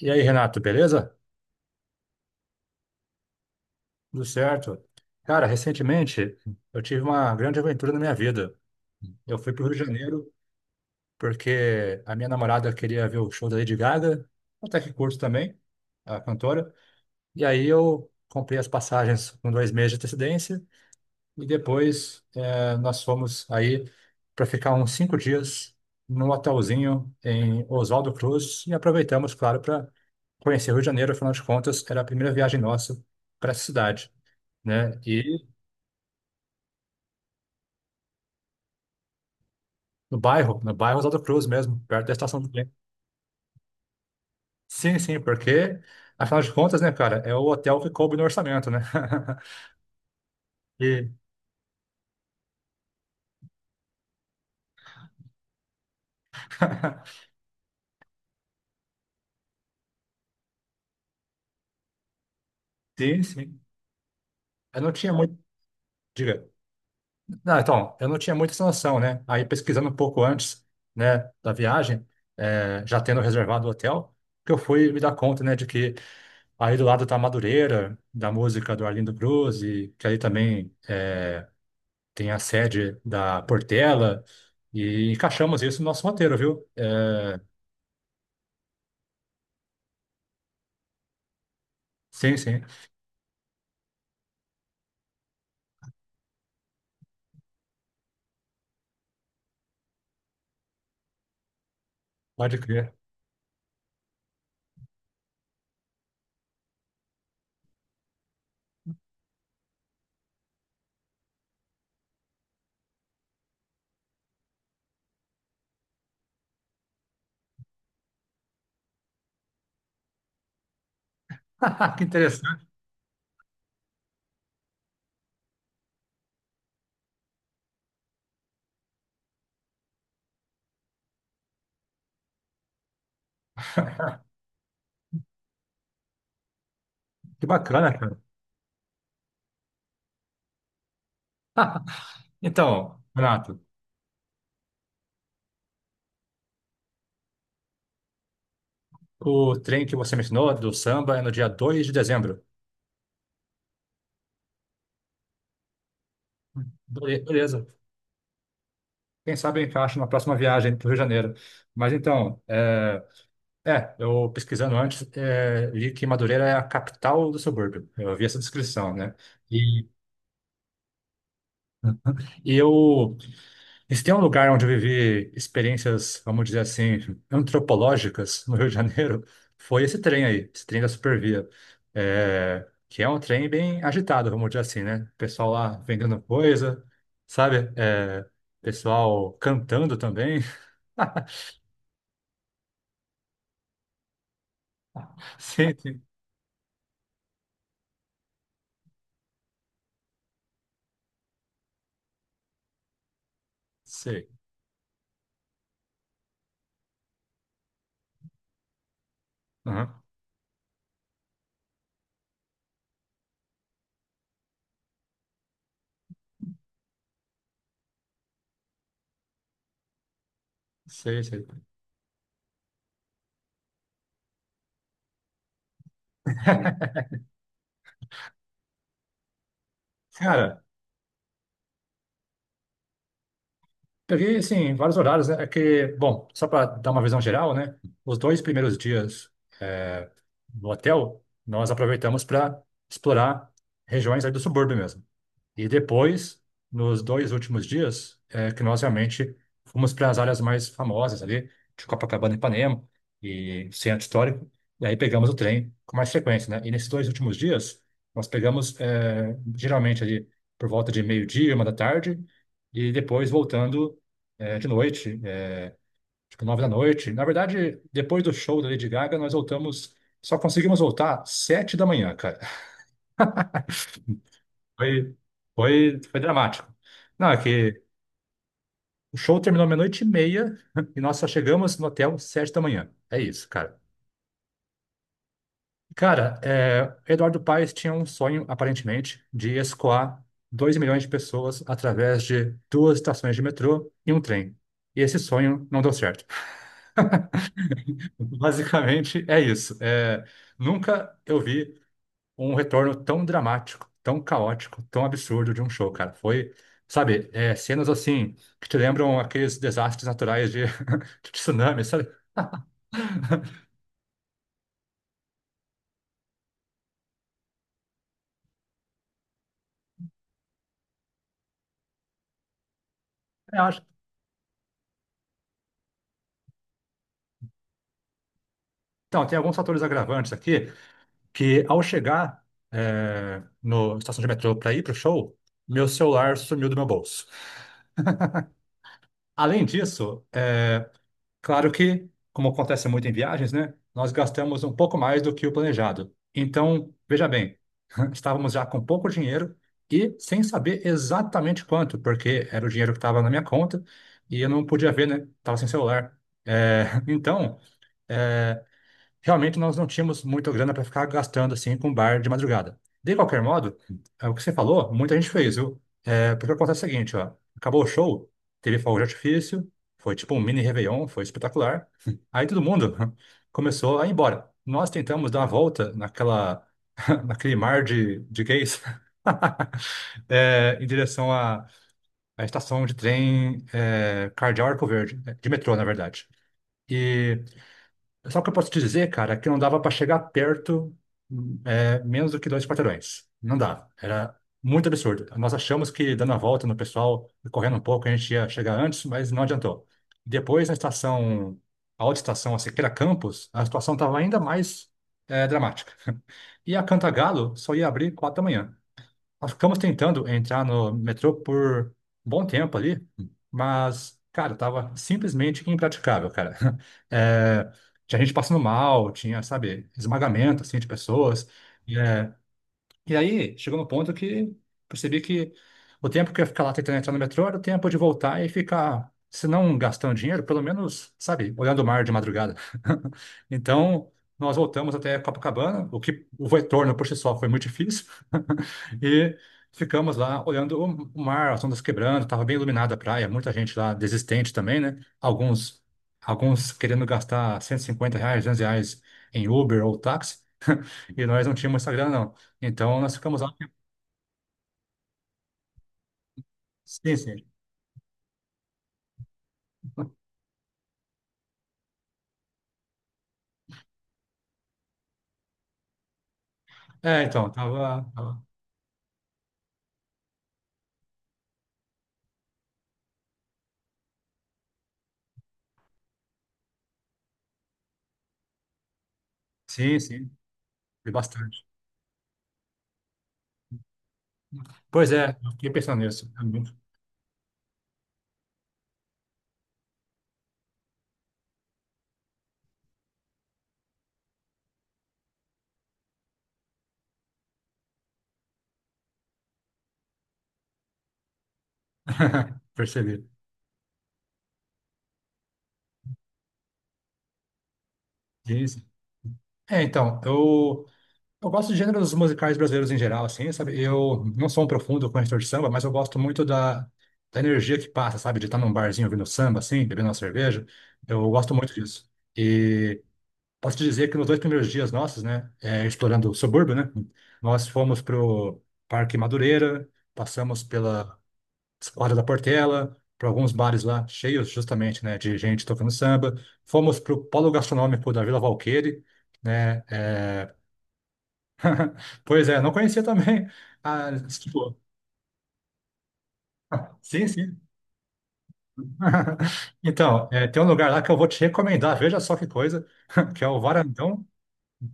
E aí, Renato, beleza? Tudo certo? Cara, recentemente eu tive uma grande aventura na minha vida. Eu fui para o Rio de Janeiro porque a minha namorada queria ver o show da Lady Gaga, até que curto também, a cantora. E aí eu comprei as passagens com 2 meses de antecedência e depois nós fomos aí para ficar uns 5 dias num hotelzinho em Oswaldo Cruz e aproveitamos, claro, para conhecer o Rio de Janeiro. Afinal de contas, era a primeira viagem nossa para essa cidade, né? E no bairro, no bairro Oswaldo Cruz mesmo, perto da estação do trem. Sim, sim, porque, afinal de contas, né, cara, é o hotel que coube no orçamento, né? E, sim, sim. Eu não tinha muito. Diga. Não, então, eu não tinha muita essa noção, né? Aí pesquisando um pouco antes, né, da viagem, já tendo reservado o hotel, que eu fui me dar conta, né, de que aí do lado tá a Madureira, da música do Arlindo Cruz, e que aí também tem a sede da Portela e encaixamos isso no nosso roteiro, viu? É, sim, sim, pode crer. Que interessante. Que bacana, cara. Então, Renato, o trem que você mencionou do samba é no dia 2 de dezembro. Beleza. Quem sabe eu encaixo na próxima viagem para o Rio de Janeiro. Mas então, eu pesquisando antes, li que Madureira é a capital do subúrbio. Eu vi essa descrição, né? E, e eu E se tem um lugar onde eu vivi experiências, vamos dizer assim, antropológicas no Rio de Janeiro, foi esse trem aí, esse trem da Supervia. É, que é um trem bem agitado, vamos dizer assim, né? Pessoal lá vendendo coisa, sabe? É, pessoal cantando também. Sim, sim, sei. Aham, sei, sei. Cara, peguei, assim, vários horários, né? É que, bom, só para dar uma visão geral, né? Os dois primeiros dias eh, no hotel, nós aproveitamos para explorar regiões aí do subúrbio mesmo. E depois, nos dois últimos dias, que nós realmente fomos para as áreas mais famosas ali, de Copacabana e Ipanema, e centro histórico, e aí pegamos o trem com mais frequência, né? E nesses dois últimos dias, nós pegamos geralmente ali por volta de meio-dia, 1 da tarde, e depois voltando de noite, tipo 9 da noite. Na verdade, depois do show da Lady Gaga, nós voltamos, só conseguimos voltar 7 da manhã, cara. Foi, foi dramático. Não, é que o show terminou meia-noite e meia e nós só chegamos no hotel 7 da manhã. É isso, cara. Cara, Eduardo Paes tinha um sonho, aparentemente, de escoar 2 milhões de pessoas através de duas estações de metrô e um trem. E esse sonho não deu certo. Basicamente é isso. É, nunca eu vi um retorno tão dramático, tão caótico, tão absurdo de um show, cara. Foi, sabe, cenas assim que te lembram aqueles desastres naturais de, de tsunami, sabe? Então, tem alguns fatores agravantes aqui que, ao chegar na estação de metrô para ir para o show, meu celular sumiu do meu bolso. Além disso, é claro que, como acontece muito em viagens, né, nós gastamos um pouco mais do que o planejado. Então, veja bem, estávamos já com pouco dinheiro e sem saber exatamente quanto, porque era o dinheiro que estava na minha conta e eu não podia ver, né? Estava sem celular. É, então, eh, realmente nós não tínhamos muita grana para ficar gastando assim com bar de madrugada. De qualquer modo, é o que você falou, muita gente fez, viu? É, porque acontece o seguinte, ó, acabou o show, teve fogo de artifício, foi tipo um mini Réveillon, foi espetacular. Aí todo mundo começou a ir embora. Nós tentamos dar uma volta naquela, naquele mar de gays, em direção à estação de trem Cardeal Arco Verde, de metrô, na verdade. E só o que eu posso te dizer, cara, é que não dava para chegar perto, menos do que 2 quarteirões. Não dava. Era muito absurdo. Nós achamos que dando a volta no pessoal, correndo um pouco, a gente ia chegar antes, mas não adiantou. Depois, na estação, a outra estação, a Siqueira Campos, a situação estava ainda mais, dramática. E a Cantagalo só ia abrir 4 da manhã. Nós ficamos tentando entrar no metrô por um bom tempo ali, mas, cara, tava simplesmente impraticável, cara. É, tinha gente passando mal, tinha, sabe, esmagamento, assim, de pessoas. É, e aí, chegou no ponto que percebi que o tempo que eu ia ficar lá tentando entrar no metrô era o tempo de voltar e ficar, se não gastando dinheiro, pelo menos, sabe, olhando o mar de madrugada. Então, nós voltamos até Copacabana, o que o retorno por si só foi muito difícil, e ficamos lá olhando o mar, as ondas quebrando, estava bem iluminada a praia, muita gente lá desistente também, né? Alguns querendo gastar R$ 150, R$ 200 em Uber ou táxi. E nós não tínhamos Instagram, não. Então nós ficamos lá. Sim, sim. É, então, tava, Sim, sim, foi bastante. Pois é, eu fiquei pensando nisso. Percebi. Sim, sim. É, então, eu gosto de gêneros musicais brasileiros em geral, assim, sabe? Eu não sou um profundo conhecedor de samba, mas eu gosto muito da energia que passa, sabe? De estar num barzinho ouvindo samba, assim, bebendo uma cerveja. Eu gosto muito disso. E posso te dizer que nos dois primeiros dias nossos, né, explorando o subúrbio, né, nós fomos pro Parque Madureira, passamos pela Escola da Portela, para alguns bares lá cheios justamente, né, de gente tocando samba. Fomos pro Polo Gastronômico da Vila Valqueire, né. Pois é, não conhecia também. Ah, tipo, sim, sim. Então, tem um lugar lá que eu vou te recomendar, veja só que coisa, que é o Varandão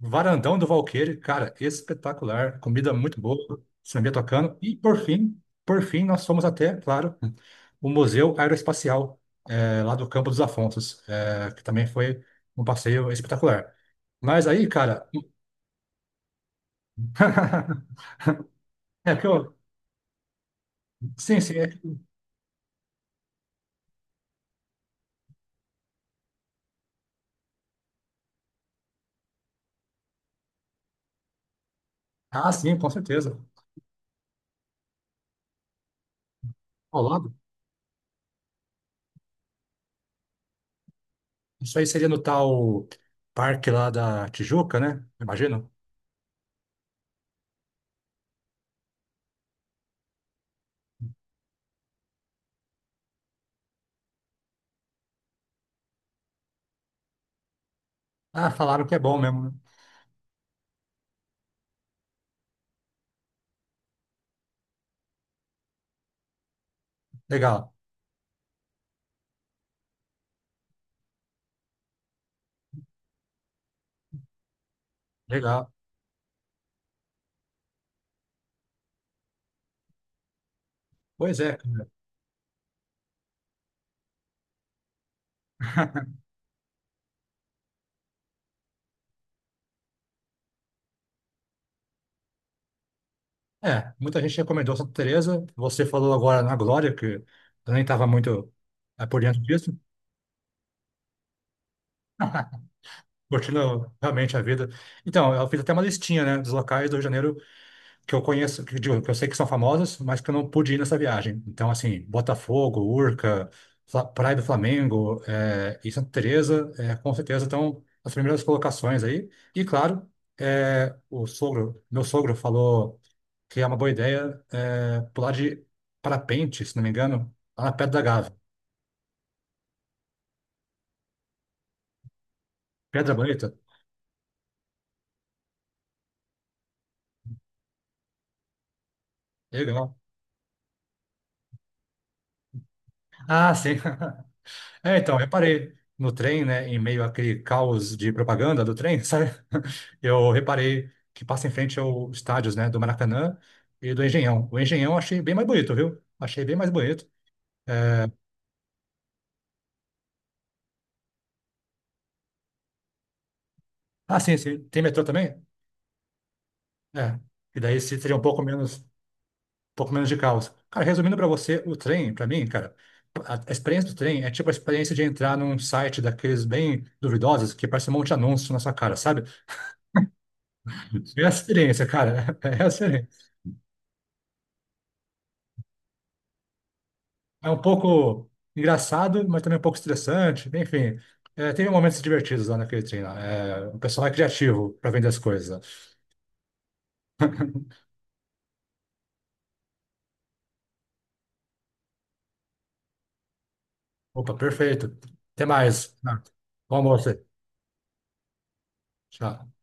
Varandão do Valqueire, cara, espetacular. Comida muito boa, samba tocando. E por fim, nós fomos até, claro, o Museu Aeroespacial, lá do Campo dos Afonsos, que também foi um passeio espetacular. Mas aí, cara, é que eu. Sim, sim. Ah, sim, com certeza. Ao lado. Isso aí seria no tal parque lá da Tijuca, né? Imagino. Ah, falaram que é bom mesmo, né? Legal, legal. Pois é, cara. É, muita gente recomendou Santa Teresa. Você falou agora na Glória, que eu nem estava muito por dentro disso, curtindo realmente a vida. Então, eu fiz até uma listinha, né, dos locais do Rio de Janeiro que eu conheço, que, digo, que eu sei que são famosas, mas que eu não pude ir nessa viagem. Então, assim, Botafogo, Urca, Praia do Flamengo, e Santa Teresa, com certeza estão as primeiras colocações aí. E claro, meu sogro falou que é uma boa ideia pular de parapente, se não me engano, lá na Pedra da Gávea. Pedra Bonita, legal. Ah, sim. É, então, reparei no trem, né, em meio àquele caos de propaganda do trem, sabe? Eu reparei que passa em frente aos estádios, né, do Maracanã e do Engenhão. O Engenhão eu achei bem mais bonito, viu? Achei bem mais bonito. Ah, sim, sim. Tem metrô também? É. E daí seria um pouco menos de caos. Cara, resumindo pra você, o trem, pra mim, cara, a experiência do trem é tipo a experiência de entrar num site daqueles bem duvidosos que parece um monte de anúncio na sua cara, sabe? É a experiência, cara. É a experiência. É um pouco engraçado, mas também um pouco estressante. Enfim, teve momentos divertidos lá naquele treino. É, o pessoal é criativo para vender as coisas. Opa, perfeito. Até mais. Ah, bom almoço aí. Tchau.